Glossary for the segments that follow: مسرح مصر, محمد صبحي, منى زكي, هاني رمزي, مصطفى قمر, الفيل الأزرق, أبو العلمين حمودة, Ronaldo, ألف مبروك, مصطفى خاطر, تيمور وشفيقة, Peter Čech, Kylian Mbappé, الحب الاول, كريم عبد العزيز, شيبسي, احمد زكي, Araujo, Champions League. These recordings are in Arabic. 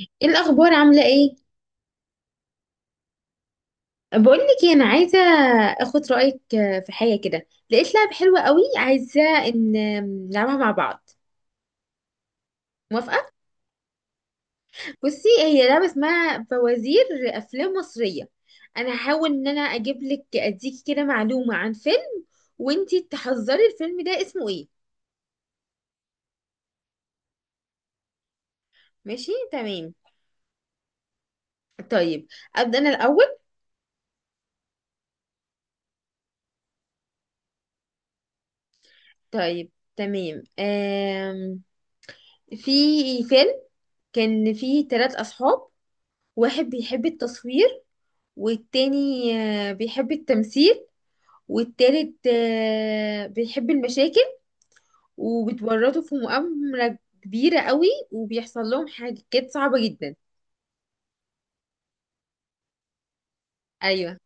ايه الاخبار؟ عامله ايه؟ بقول لك انا عايزه اخد رايك، في حاجه كده. لقيت لعبه حلوه قوي، عايزه ان نلعبها مع بعض. موافقه؟ بصي، هي لعبه اسمها فوازير افلام مصريه. انا هحاول ان انا اجيب لك، اديكي كده معلومه عن فيلم وانتي تحذري الفيلم ده اسمه ايه. ماشي تمام. طيب، ابدا انا الاول. طيب تمام. في فيلم كان فيه ثلاث اصحاب. واحد بيحب التصوير، والتاني بيحب التمثيل، والتالت بيحب المشاكل وبتورطه في مؤامرة كبيرة قوي، وبيحصل لهم حاجات صعبة جدا. أيوة.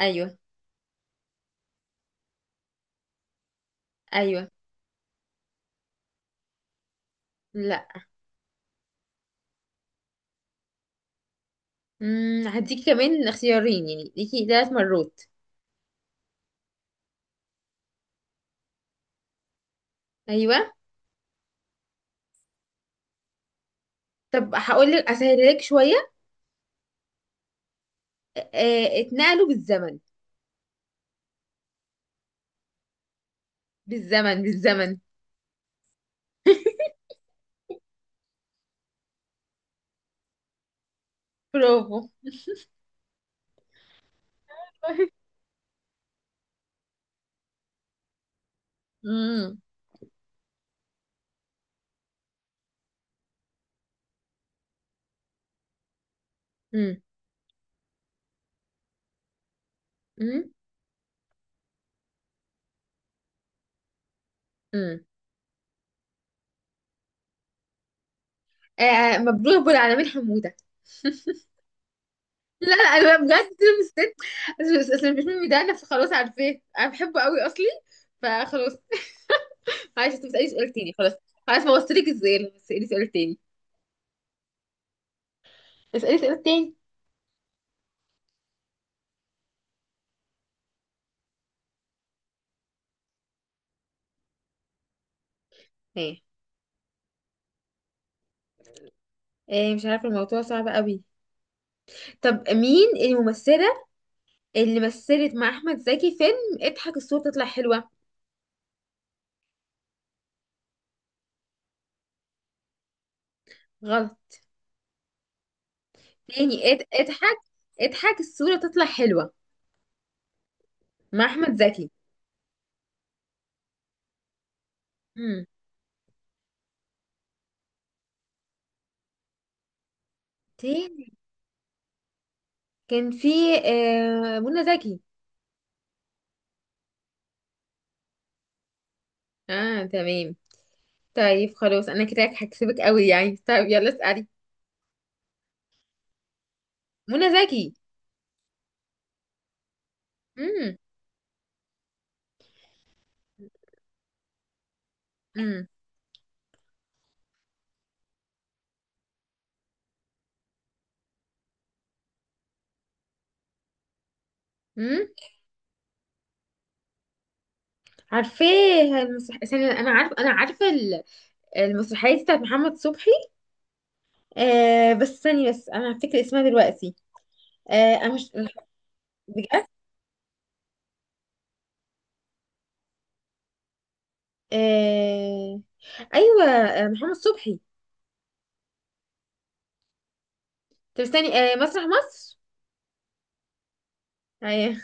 أيوة. أيوة. لا. هديكي كمان اختيارين، يعني ليكي ثلاث مرات. أيوة. طب هقول لك أسهلك شوية. اتنقلوا بالزمن. بالزمن، بالزمن. برافو. مم. مم. مم. مم. مبروك أبو العلمين حمودة. لا لا، انا بجد مستني. أصل مش ميمي ده، انا خلاص عارفاه، انا بحبه قوي اصلي. فخلاص. معلش، انت بتسالي سؤال تاني. خلاص. خلاص، ما وصلتلك ازاي، بس اسالي سؤال تاني. اسالي سؤال تاني. ايه؟ ايه؟ مش عارفه، الموضوع صعب قوي. طب مين الممثله اللي مثلت مع احمد زكي فيلم اضحك الصوره تطلع حلوه؟ غلط. تاني. اضحك اضحك الصوره تطلع حلوه. مع احمد زكي. امم تاني. كان في منى زكي. اه تمام. طيب خلاص، انا كده هكسبك قوي يعني. طيب يلا اسألي. منى زكي. امم. امم. امم. عارفاه. ثانية، انا عارفه المسرحيه دي بتاعت محمد صبحي. آه بس ثانية، بس انا هفتكر اسمها دلوقتي. آه، انا مش. بجد. آه ايوه، محمد صبحي. طب استني، مسرح مصر. ايوه.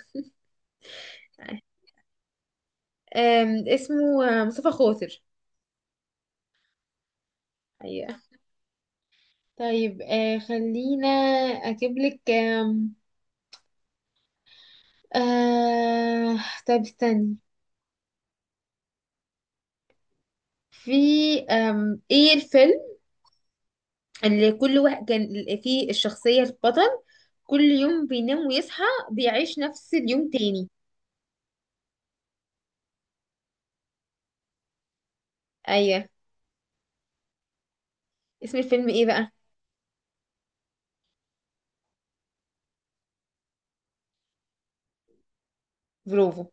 اسمه مصطفى خاطر. ايوه. طيب، خلينا اجيب لك. آه... طب استني. في ايه الفيلم اللي كل واحد كان فيه الشخصية البطل، كل يوم بينام ويصحى، بيعيش نفس اليوم تاني؟ ايوه. اسم الفيلم ايه بقى؟ برافو.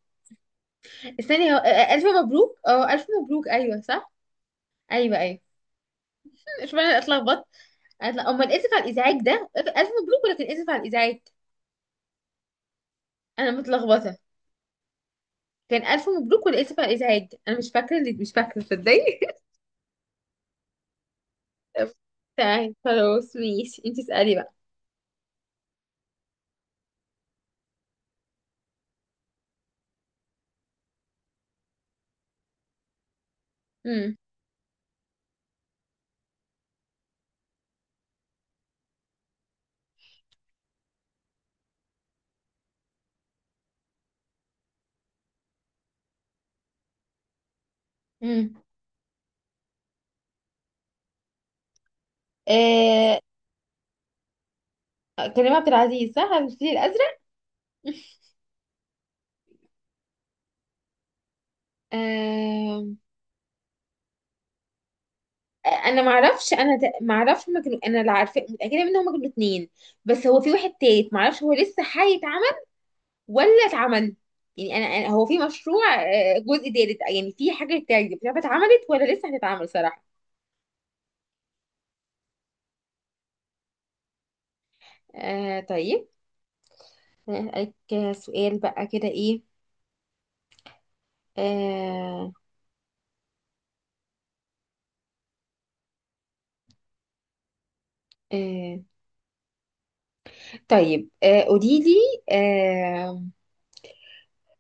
استني، هو... آه، آه، ألف مبروك. اه، ألف مبروك، ايوه صح. ايوه ايوه. مش انا اتلخبطت. امال اسف على الازعاج ده ألف مبروك ولا كان اسف على الازعاج؟ انا متلخبطة. كان ألف مبروك ولا اسف على الازعاج؟ انا مش فاكرة، اللي مش فاكرة تصدقي. تمام خلاص ماشي، انت اسألي بقى. امم. مم. آه... كريم عبد العزيز، صح؟ على الفيل الأزرق. آه... انا معرفش هما كانوا. انا اللي عارفه متاكده ان هما كانوا اتنين، بس هو في واحد تالت، معرفش هو لسه هيتعمل ولا اتعمل. يعني هو في مشروع، جزء تالت، يعني في حاجه تالت، مش عارفه اتعملت ولا لسه هتتعمل صراحه. طيب، هسألك سؤال بقى كده. ايه. آه آه طيب، قولي لي، آه،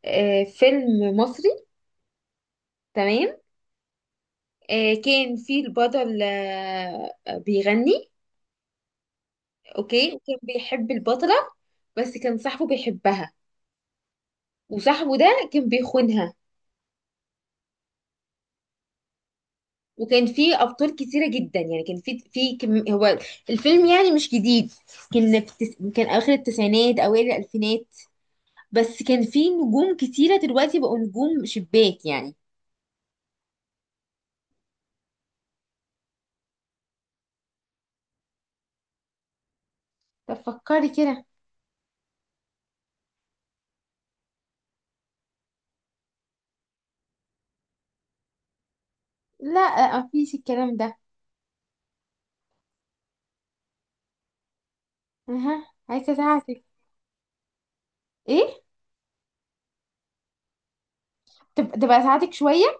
فيلم مصري، تمام. كان فيه البطل بيغني. اوكي. وكان بيحب البطلة، بس كان صاحبه بيحبها، وصاحبه ده كان بيخونها. وكان فيه أبطال كتيرة جدا يعني، كان فيه في كم هو الفيلم، يعني مش جديد. كان في كان آخر التسعينات أوائل الألفينات، بس كان فيه نجوم كتيرة دلوقتي بقوا نجوم شباك يعني. طب فكري كده. لا، مفيش الكلام ده. اها، عايزه اساعدك. ايه. تبقى اساعدك شويه.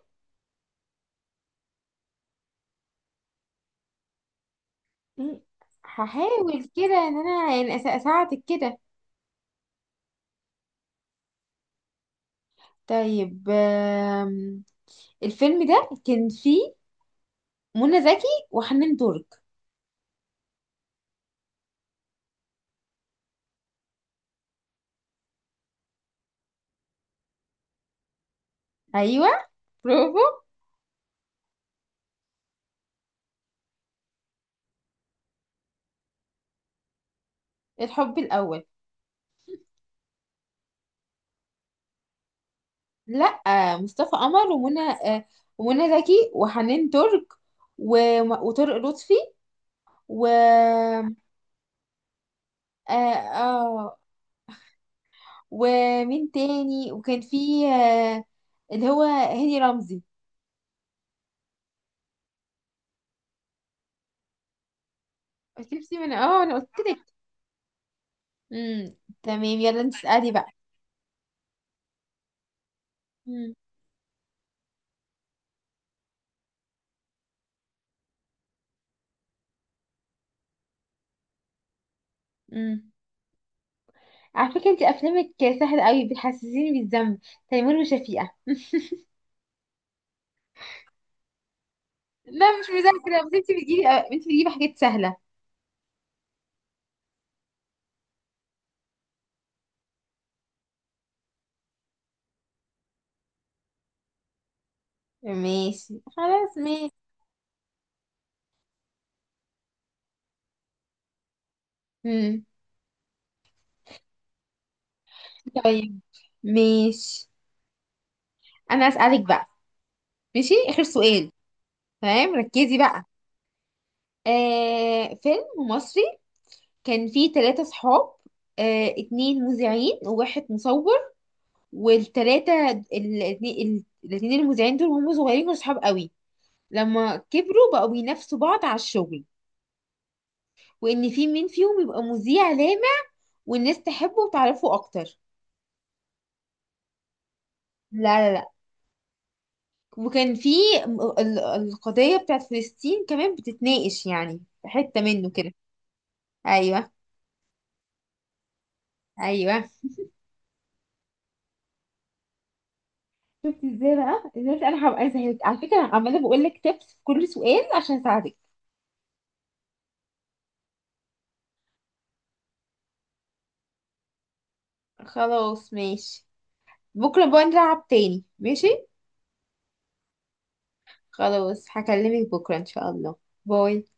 مم. هحاول كده ان انا يعني اساعدك كده. طيب، الفيلم ده كان فيه منى زكي وحنان ترك. ايوه. برافو. الحب الاول. لا، مصطفى قمر ومنى زكي وحنان ترك وطارق لطفي و آه آه، ومين تاني، وكان فيه اللي هو هاني رمزي. شيبسي من انا قلت لك. امم. تمام يلا، انت اسألي بقى. امم. امم. على فكرة، انت افلامك سهلة قوي، بتحسسيني بالذنب. تيمور وشفيقة. لا مش مذاكرة، بس انت بتجيبي انت بتجيبي حاجات سهلة. ماشي خلاص ماشي. امم. طيب ماشي، انا اسألك بقى. ماشي اخر سؤال. تمام ركزي بقى. فيلم مصري كان فيه ثلاثة صحاب. اتنين مذيعين وواحد مصور. والتلاتة الاتنين المذيعين دول، وهم صغيرين كانوا صحاب قوي. لما كبروا بقوا بينافسوا بعض على الشغل، وان في مين فيهم يبقى مذيع لامع والناس تحبه وتعرفه اكتر. لا لا لا. وكان في القضية بتاعت فلسطين كمان بتتناقش، يعني في حتة منه كده. ايوه. ايوه. شفت ازاي بقى ازاي، انا هبقى سهلت على فكرة، انا عمالة بقول لك تبس في كل سؤال عشان اساعدك. خلاص ماشي. بكرة بقى نلعب تاني، ماشي. خلاص هكلمك بكرة إن شاء الله. باي.